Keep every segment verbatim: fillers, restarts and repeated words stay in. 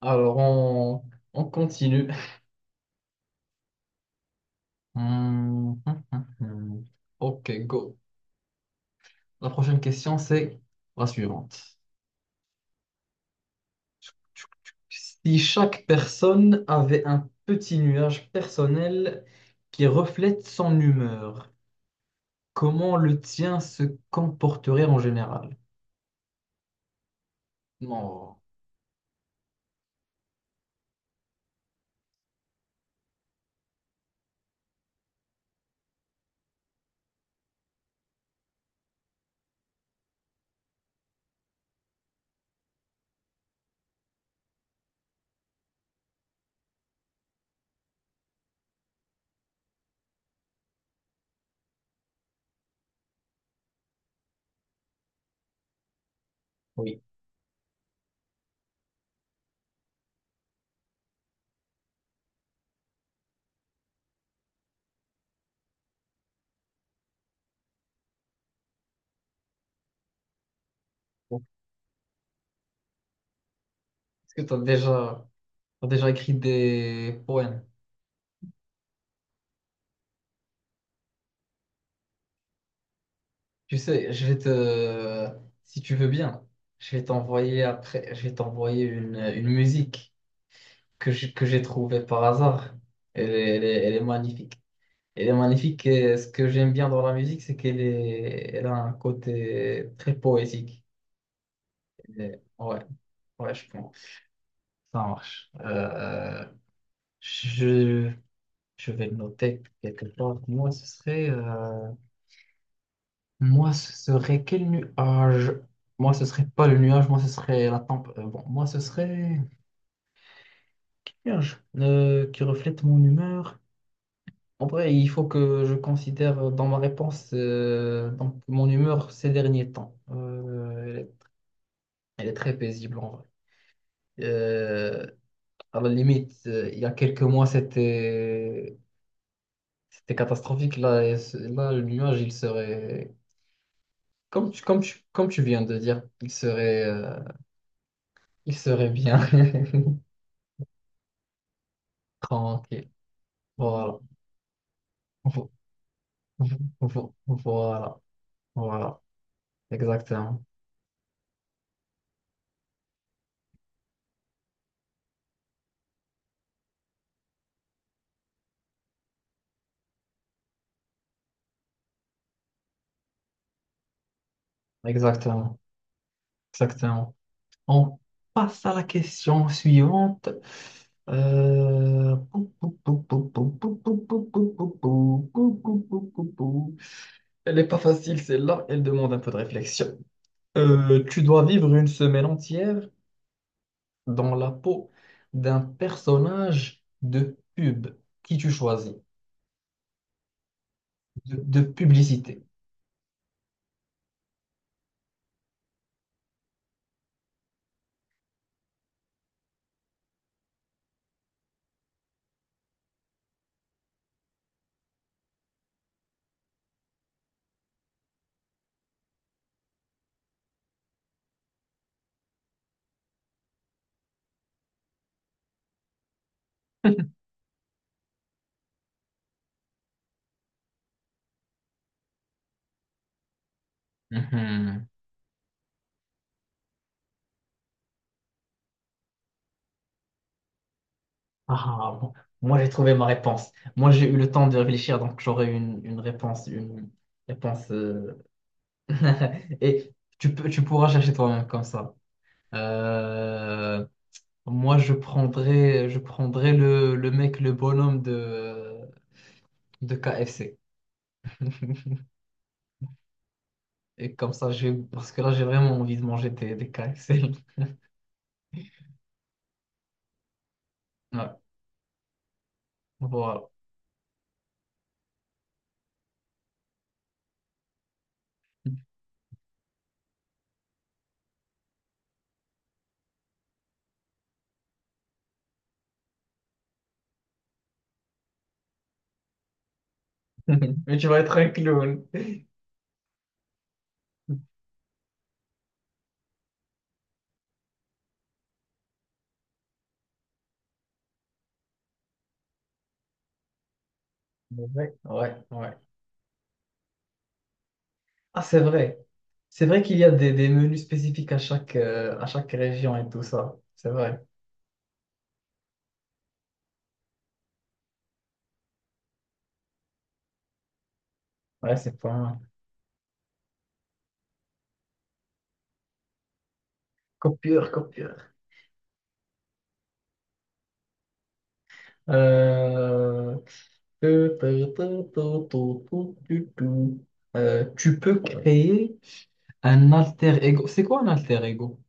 Alors, on, on continue. Hmm, hmm, hmm, hmm. Ok, go. La prochaine question, c'est la suivante. Si chaque personne avait un petit nuage personnel qui reflète son humeur, comment le tien se comporterait en général? Non, oui. Est-ce que tu as déjà, T'as déjà écrit des poèmes? Tu sais, je vais te, si tu veux bien, je vais t'envoyer après, je vais t'envoyer une une musique que j'ai que j'ai trouvé par hasard. Elle est, elle est, elle est magnifique. Elle est magnifique et ce que j'aime bien dans la musique, c'est qu'elle est, elle a un côté très poétique. Elle ouais, ouais, je pense. Ça marche. Euh, je, je vais le noter quelque part. Moi, ce serait, euh, moi, ce serait quel nuage? Moi, ce serait pas le nuage, moi, ce serait la tempête. Bon, moi, ce serait nuage euh, qui reflète mon humeur. En vrai, il faut que je considère dans ma réponse euh, donc mon humeur ces derniers temps. Euh, elle est, elle est très paisible en vrai. Euh, à la limite, euh, il y a quelques mois, c'était c'était catastrophique. Là, et ce- là, le nuage, il serait comme tu, comme tu, comme tu viens de dire, il serait euh, il serait bien tranquille. Voilà, Vo- vo- vo- voilà, voilà, exactement, exactement, exactement. On passe à la question suivante. Euh, pou, pou, pou, pou, pou, pou, pou, pou, pou, pou, pou, pou, pou, pou, pou, pou. Elle n'est pas facile, celle-là. Elle demande un peu de réflexion. Euh, tu dois vivre une semaine entière dans la peau d'un personnage de pub. Qui tu choisis? De, de publicité. Mhm. Ah, bon. Moi, j'ai trouvé ma réponse. Moi, j'ai eu le temps de réfléchir, donc j'aurai une, une réponse, une réponse euh, et tu peux, tu pourras chercher toi-même comme ça. Euh, moi, je prendrais, je prendrais le, le mec, le bonhomme de, de K F C. Et comme ça, j'ai, parce que là, j'ai vraiment envie de manger des, des K F C. Ouais, voilà. Mais tu vas être un clown. Ouais, ouais, ouais. Ah, c'est vrai. C'est vrai qu'il y a des, des menus spécifiques à chaque, euh, à chaque région et tout ça. C'est vrai. Ouais, c'est pas mal. Copieur, copieur. Euh, euh, Tu peux créer un alter ego. C'est quoi un alter ego?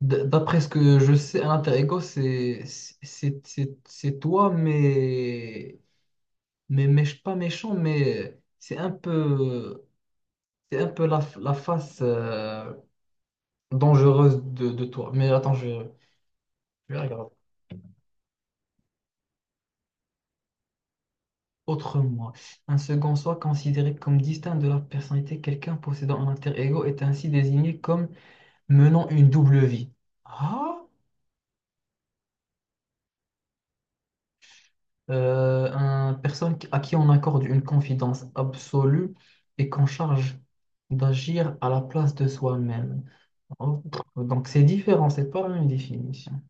D- D'après ce que je sais, un alter ego, c'est c'est- c'est- c'est toi, mais, mais, mais je- pas méchant, mais c'est un peu, c'est un peu la, la face euh, dangereuse de, de toi. Mais attends, je, je vais regarder. Autre moi. Un second soi considéré comme distinct de la personnalité, quelqu'un possédant un alter ego est ainsi désigné comme menant une double vie. Ah, Euh, un personne qui- à qui on accorde une confidence absolue et qu'on charge d'agir à la place de soi-même. Oh, donc c'est différent, c'est pas la même définition.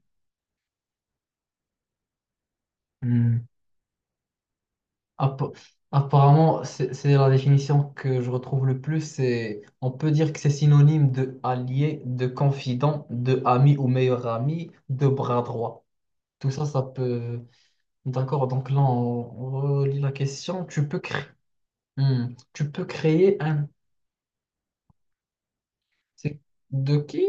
Hmm. App- Apparemment, c'est c'est la définition que je retrouve le plus. C'est, on peut dire que c'est synonyme de allié, de confident, de ami ou meilleur ami, de bras droit. Tout ça, ça peut. D'accord, donc là, on, on relit la question. Tu peux créer, tu peux créer un. C'est de qui?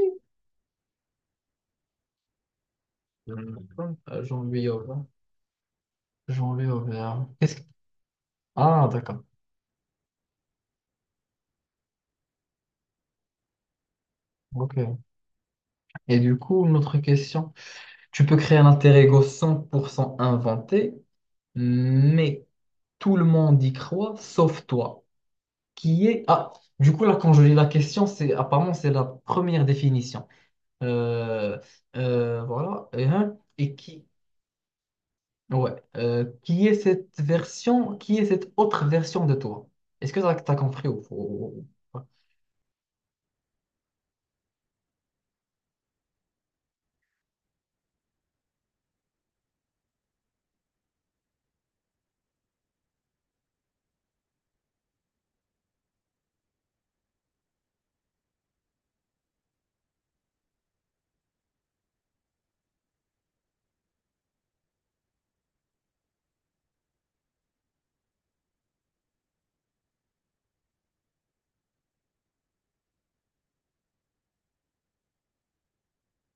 Euh, Jean-Louis Aubert. Jean-Louis Aubert. Qu'est-ce que- Ah, d'accord. Ok. Et du coup, notre question. Tu peux créer un alter ego cent pour cent inventé mais tout le monde y croit, sauf toi, qui est... Ah, du coup, là, quand je lis la question, c'est apparemment, c'est la première définition. Euh, euh, voilà. Et, hein, et qui... Ouais. Euh, qui est cette version, qui est cette autre version de toi? Est-ce que t'as, t'as compris ou, ou- ou- ou-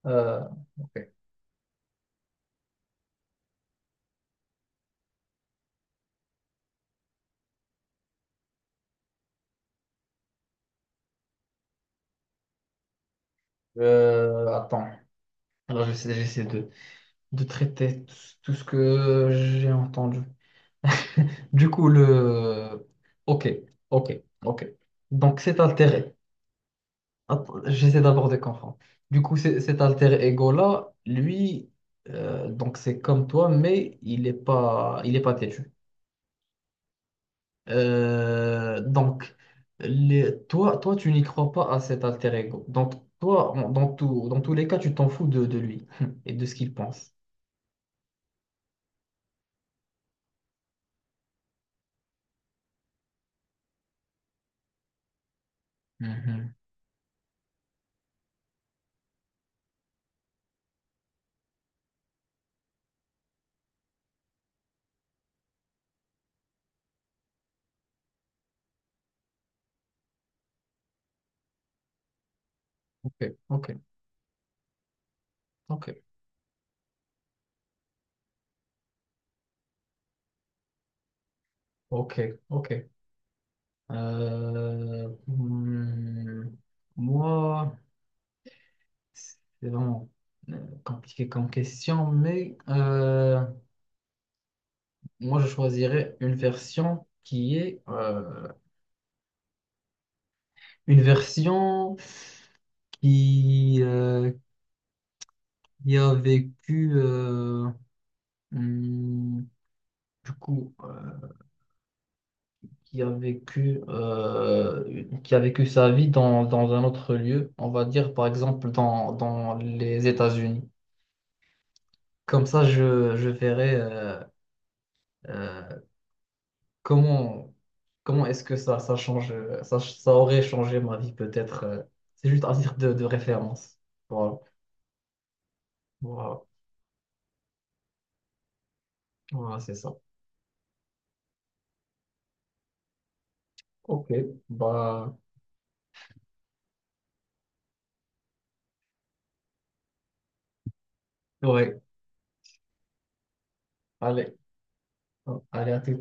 Euh, ok. Euh, attends. Alors, j'essaie j'essaie de de traiter tout tout ce que j'ai entendu. Du coup, le... Ok, ok, ok. Donc, cet altéré. Attends, j'essaie d'abord de comprendre. Du coup, c'est- cet alter ego-là, lui, euh, donc c'est comme toi, mais il n'est pas, il est pas têtu. Euh, donc, les- toi, toi, tu n'y crois pas à cet alter ego. Donc, toi, en- dans tout, dans tous les cas, tu t'en fous de, de lui et de ce qu'il pense. Mhm. Ok, ok, ok, ok, ok. Euh, hmm, Moi, c'est vraiment euh, compliqué comme question, mais euh, moi, je choisirais une version qui est euh, une version qui, euh, qui a vécu, euh, hmm, du coup, euh, qui a vécu, euh, qui a vécu sa vie dans, dans un autre lieu, on va dire par exemple dans, dans les États-Unis. Comme ça, je, je verrai euh, euh, comment, comment est-ce que ça, ça change, euh, ça, ça aurait changé ma vie peut-être. euh. C'est juste à titre de, de référence. Voilà, voilà, Voilà, c'est ça. Ok, bah ouais, allez, hein, allez à tout.